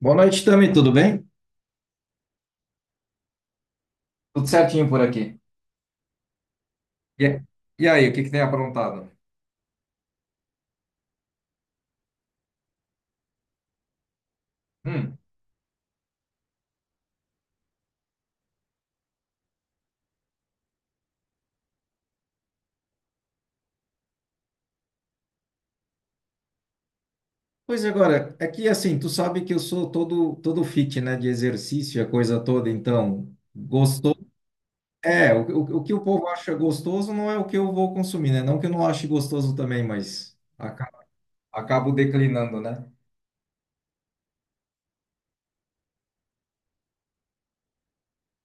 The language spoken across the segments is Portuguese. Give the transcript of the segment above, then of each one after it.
Boa noite, Tami, tudo bem? Tudo certinho por aqui. E, E aí, o que que tem aprontado? Hum, pois agora, é que assim, tu sabe que eu sou todo fit, né, de exercício, a coisa toda, então, gostoso, é, o, o que o povo acha gostoso não é o que eu vou consumir, né? Não que eu não ache gostoso também, mas acaba. Acabo declinando, né?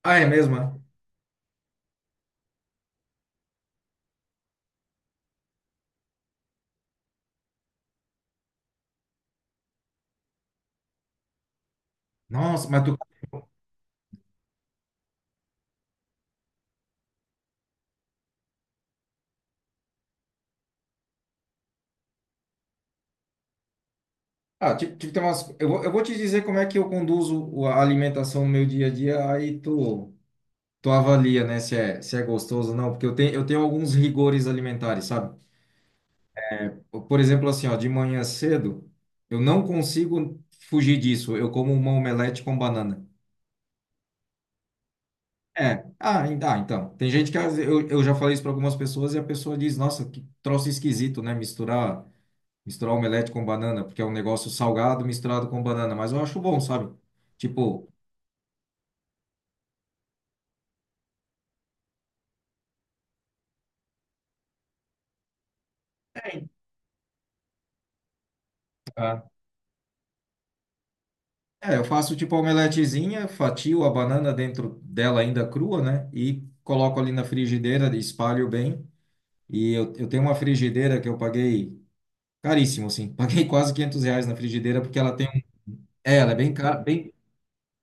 Ah, é mesmo? É? Nossa, mas tu. Ah, tipo, tem umas, eu vou te dizer como é que eu conduzo a alimentação no meu dia a dia, aí tu avalia, né, se é gostoso ou não, porque eu tenho alguns rigores alimentares, sabe? Por exemplo, assim, ó, de manhã cedo, eu não consigo fugir disso. Eu como uma omelete com banana. É, então. Tem gente que eu já falei isso para algumas pessoas e a pessoa diz, nossa, que troço esquisito, né? Misturar omelete com banana, porque é um negócio salgado misturado com banana, mas eu acho bom, sabe? Tipo. É. É, eu faço tipo a omeletezinha, fatio a banana dentro dela ainda crua, né? E coloco ali na frigideira, espalho bem. E eu tenho uma frigideira que eu paguei caríssimo, assim. Paguei quase R$ 500 na frigideira porque ela tem... um-. É, ela é bem cara, bem...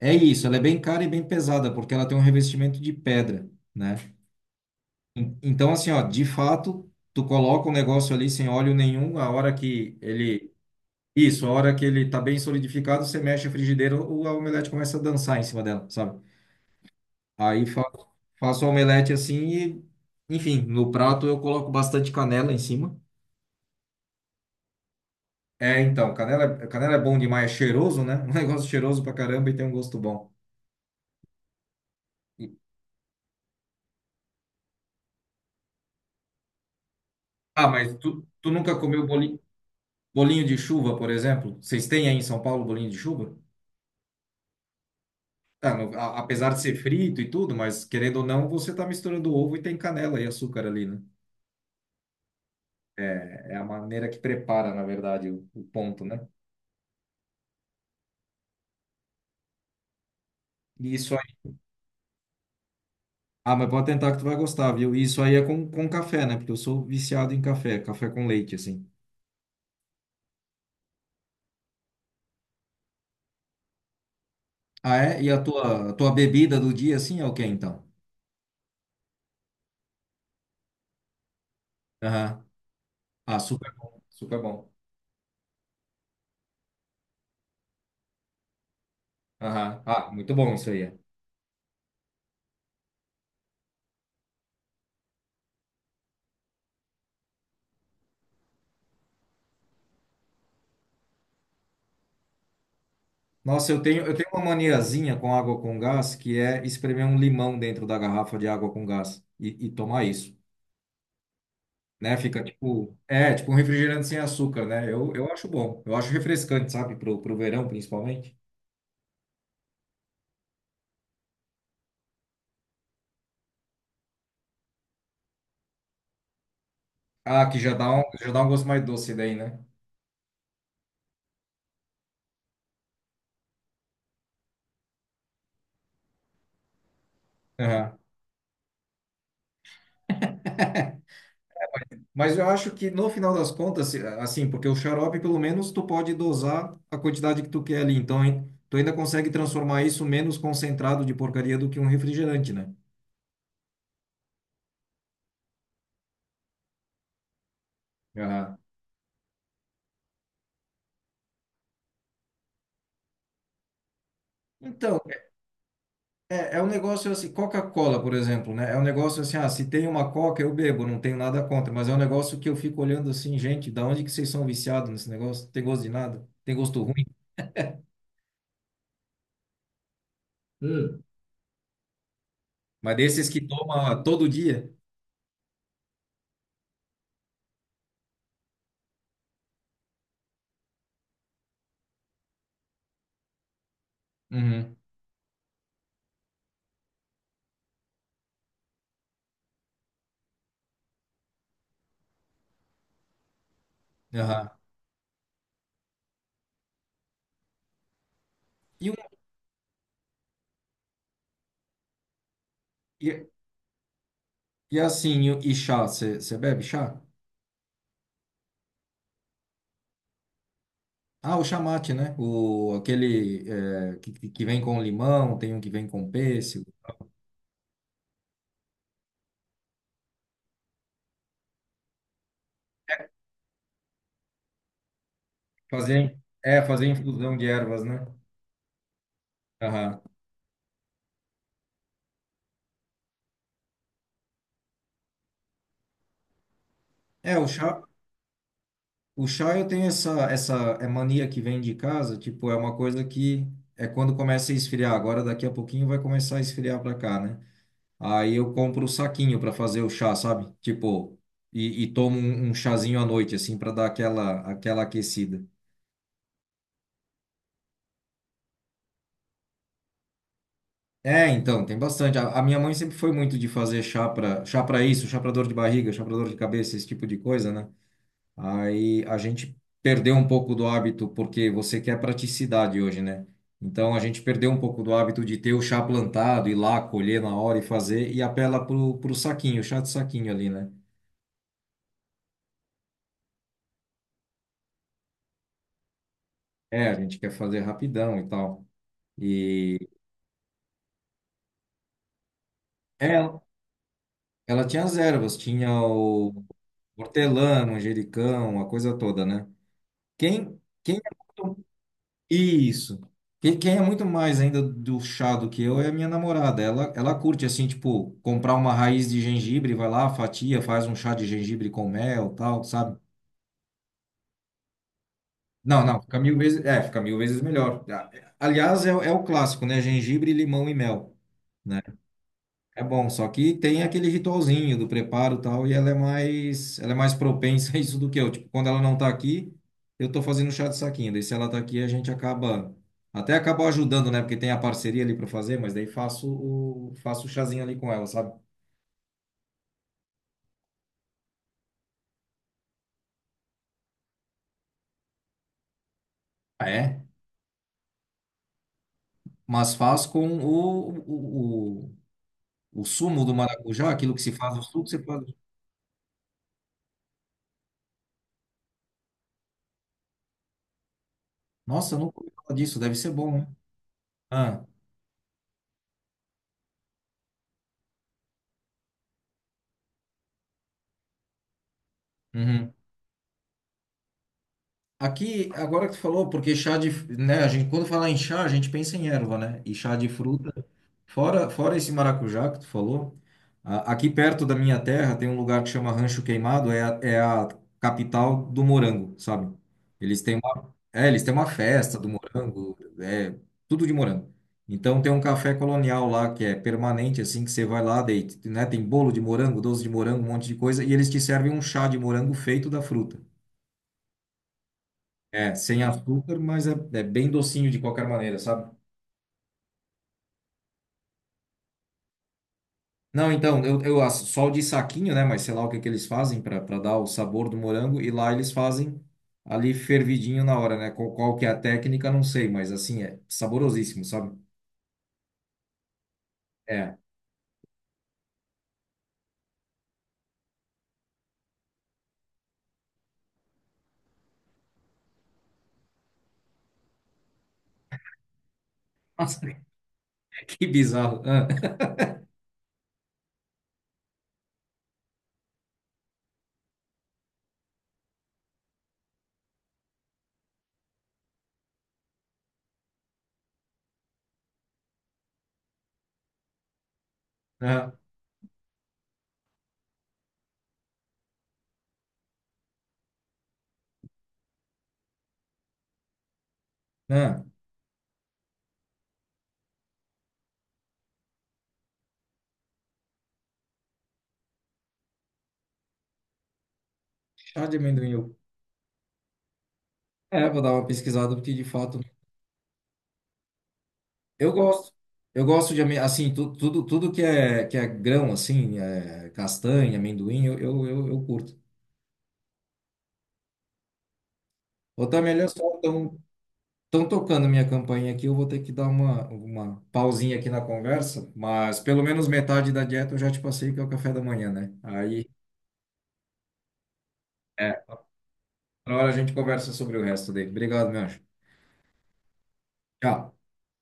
É isso, ela é bem cara e bem pesada porque ela tem um revestimento de pedra, né? Então, assim, ó, de fato, tu coloca o negócio ali sem óleo nenhum, a hora que ele... Isso, a hora que ele tá bem solidificado, você mexe a frigideira, a omelete começa a dançar em cima dela, sabe? Aí fa- faço omelete assim e, enfim, no prato eu coloco bastante canela em cima. É, então, canela é bom demais, é cheiroso, né? Um negócio cheiroso pra caramba e tem um gosto bom. E-. Ah, mas tu nunca comeu bolinho, bolinho de chuva, por exemplo? Vocês têm aí em São Paulo bolinho de chuva? Tá, apesar de ser frito e tudo, mas querendo ou não, você tá misturando ovo e tem canela e açúcar ali, né? É a maneira que prepara, na verdade, o ponto, né? E isso. Ah, mas pode tentar que tu vai gostar, viu? E isso aí é com café, né? Porque eu sou viciado em café, café com leite, assim. Ah, é? E a tua bebida do dia, assim, é o quê, então? Aham. Ah, super bom, super bom. Aham. Ah, muito bom isso aí. É. Nossa, eu tenho uma maniazinha com água com gás, que é espremer um limão dentro da garrafa de água com gás e tomar isso, né? Fica tipo, é, tipo um refrigerante sem açúcar, né? Eu acho bom, eu acho refrescante, sabe? Pro verão, principalmente. Ah, que já dá um gosto mais doce daí, né? Mas eu acho que no final das contas, assim, porque o xarope, pelo menos, tu pode dosar a quantidade que tu quer ali. Então, hein, tu ainda consegue transformar isso menos concentrado de porcaria do que um refrigerante, né? Aham. Então, é um negócio assim, Coca-Cola, por exemplo, né? É um negócio assim, ah, se tem uma Coca, eu bebo, não tenho nada contra, mas é um negócio que eu fico olhando assim, gente, da onde que vocês são viciados nesse negócio? Tem gosto de nada, tem gosto ruim. Hum. Mas desses que toma todo dia. Uhum. Aham. E, um- e E assim, e chá, você bebe chá? Ah, o chamate, né? O, aquele é, que vem com limão, tem um que vem com pêssego. Fazer, é, fazer infusão de ervas, né? Aham. É, o chá eu tenho essa é mania que vem de casa, tipo, é uma coisa que é quando começa a esfriar. Agora, daqui a pouquinho vai começar a esfriar pra cá, né? Aí eu compro o saquinho pra fazer o chá, sabe? Tipo, e tomo um chazinho à noite, assim, pra dar aquela, aquela aquecida. É, então, tem bastante. A minha mãe sempre foi muito de fazer chá para chá para isso, chá para dor de barriga, chá para dor de cabeça, esse tipo de coisa, né? Aí a gente perdeu um pouco do hábito, porque você quer praticidade hoje, né? Então a gente perdeu um pouco do hábito de ter o chá plantado, ir lá, colher na hora e fazer, e apela pro saquinho, chá de saquinho ali, né? É, a gente quer fazer rapidão e tal. E ela, ela tinha as ervas, tinha o hortelã, manjericão, a coisa toda, né? Quem. Isso. Quem é muito mais ainda do chá do que eu é a minha namorada. Ela curte, assim, tipo, comprar uma raiz de gengibre, vai lá, fatia, faz um chá de gengibre com mel, tal, sabe? Não, não, fica mil vezes, é, fica mil vezes melhor. Ah, é. Aliás, é, é o clássico, né? Gengibre, limão e mel, né? É bom, só que tem aquele ritualzinho do preparo e tal, e ela é mais propensa a isso do que eu. Tipo, quando ela não tá aqui, eu tô fazendo chá de saquinho. Daí se ela tá aqui, a gente acaba ajudando, né? Porque tem a parceria ali para fazer, mas daí faço o chazinho ali com ela, sabe? Ah, é, mas faz com o sumo do maracujá, aquilo que se faz o suco, você faz. Nossa, eu nunca ouvi falar disso, deve ser bom, né? Ah, uhum. Aqui, agora que tu falou, porque chá de, né, a gente, quando fala em chá, a gente pensa em erva, né? E chá de fruta, fora esse maracujá que tu falou, aqui perto da minha terra tem um lugar que chama Rancho Queimado, é a capital do morango, sabe? Eles têm uma, é, eles têm uma festa do morango, é tudo de morango. Então tem um café colonial lá que é permanente, assim, que você vai lá, deita, né? Tem bolo de morango, doce de morango, um monte de coisa, e eles te servem um chá de morango feito da fruta. É, sem açúcar, mas é bem docinho de qualquer maneira, sabe? Não, então, eu acho só o de saquinho, né? Mas sei lá o que que eles fazem para dar o sabor do morango. E lá eles fazem ali fervidinho na hora, né? Qual que é a técnica, não sei, mas assim, é saborosíssimo, sabe? É. Nossa, que bizarro. Ah, ah. Chá de amendoim. É, vou dar uma pesquisada, porque de fato eu gosto. Eu gosto de, assim, tu, tudo que é grão, assim, é, castanha, amendoim, eu curto. Ô, Tami, olha só, estão tocando minha campainha aqui. Eu vou ter que dar uma pausinha aqui na conversa, mas pelo menos metade da dieta eu já te passei, que é o café da manhã, né? Aí, é, na hora a gente conversa sobre o resto dele. Obrigado, meu anjo. Tchau.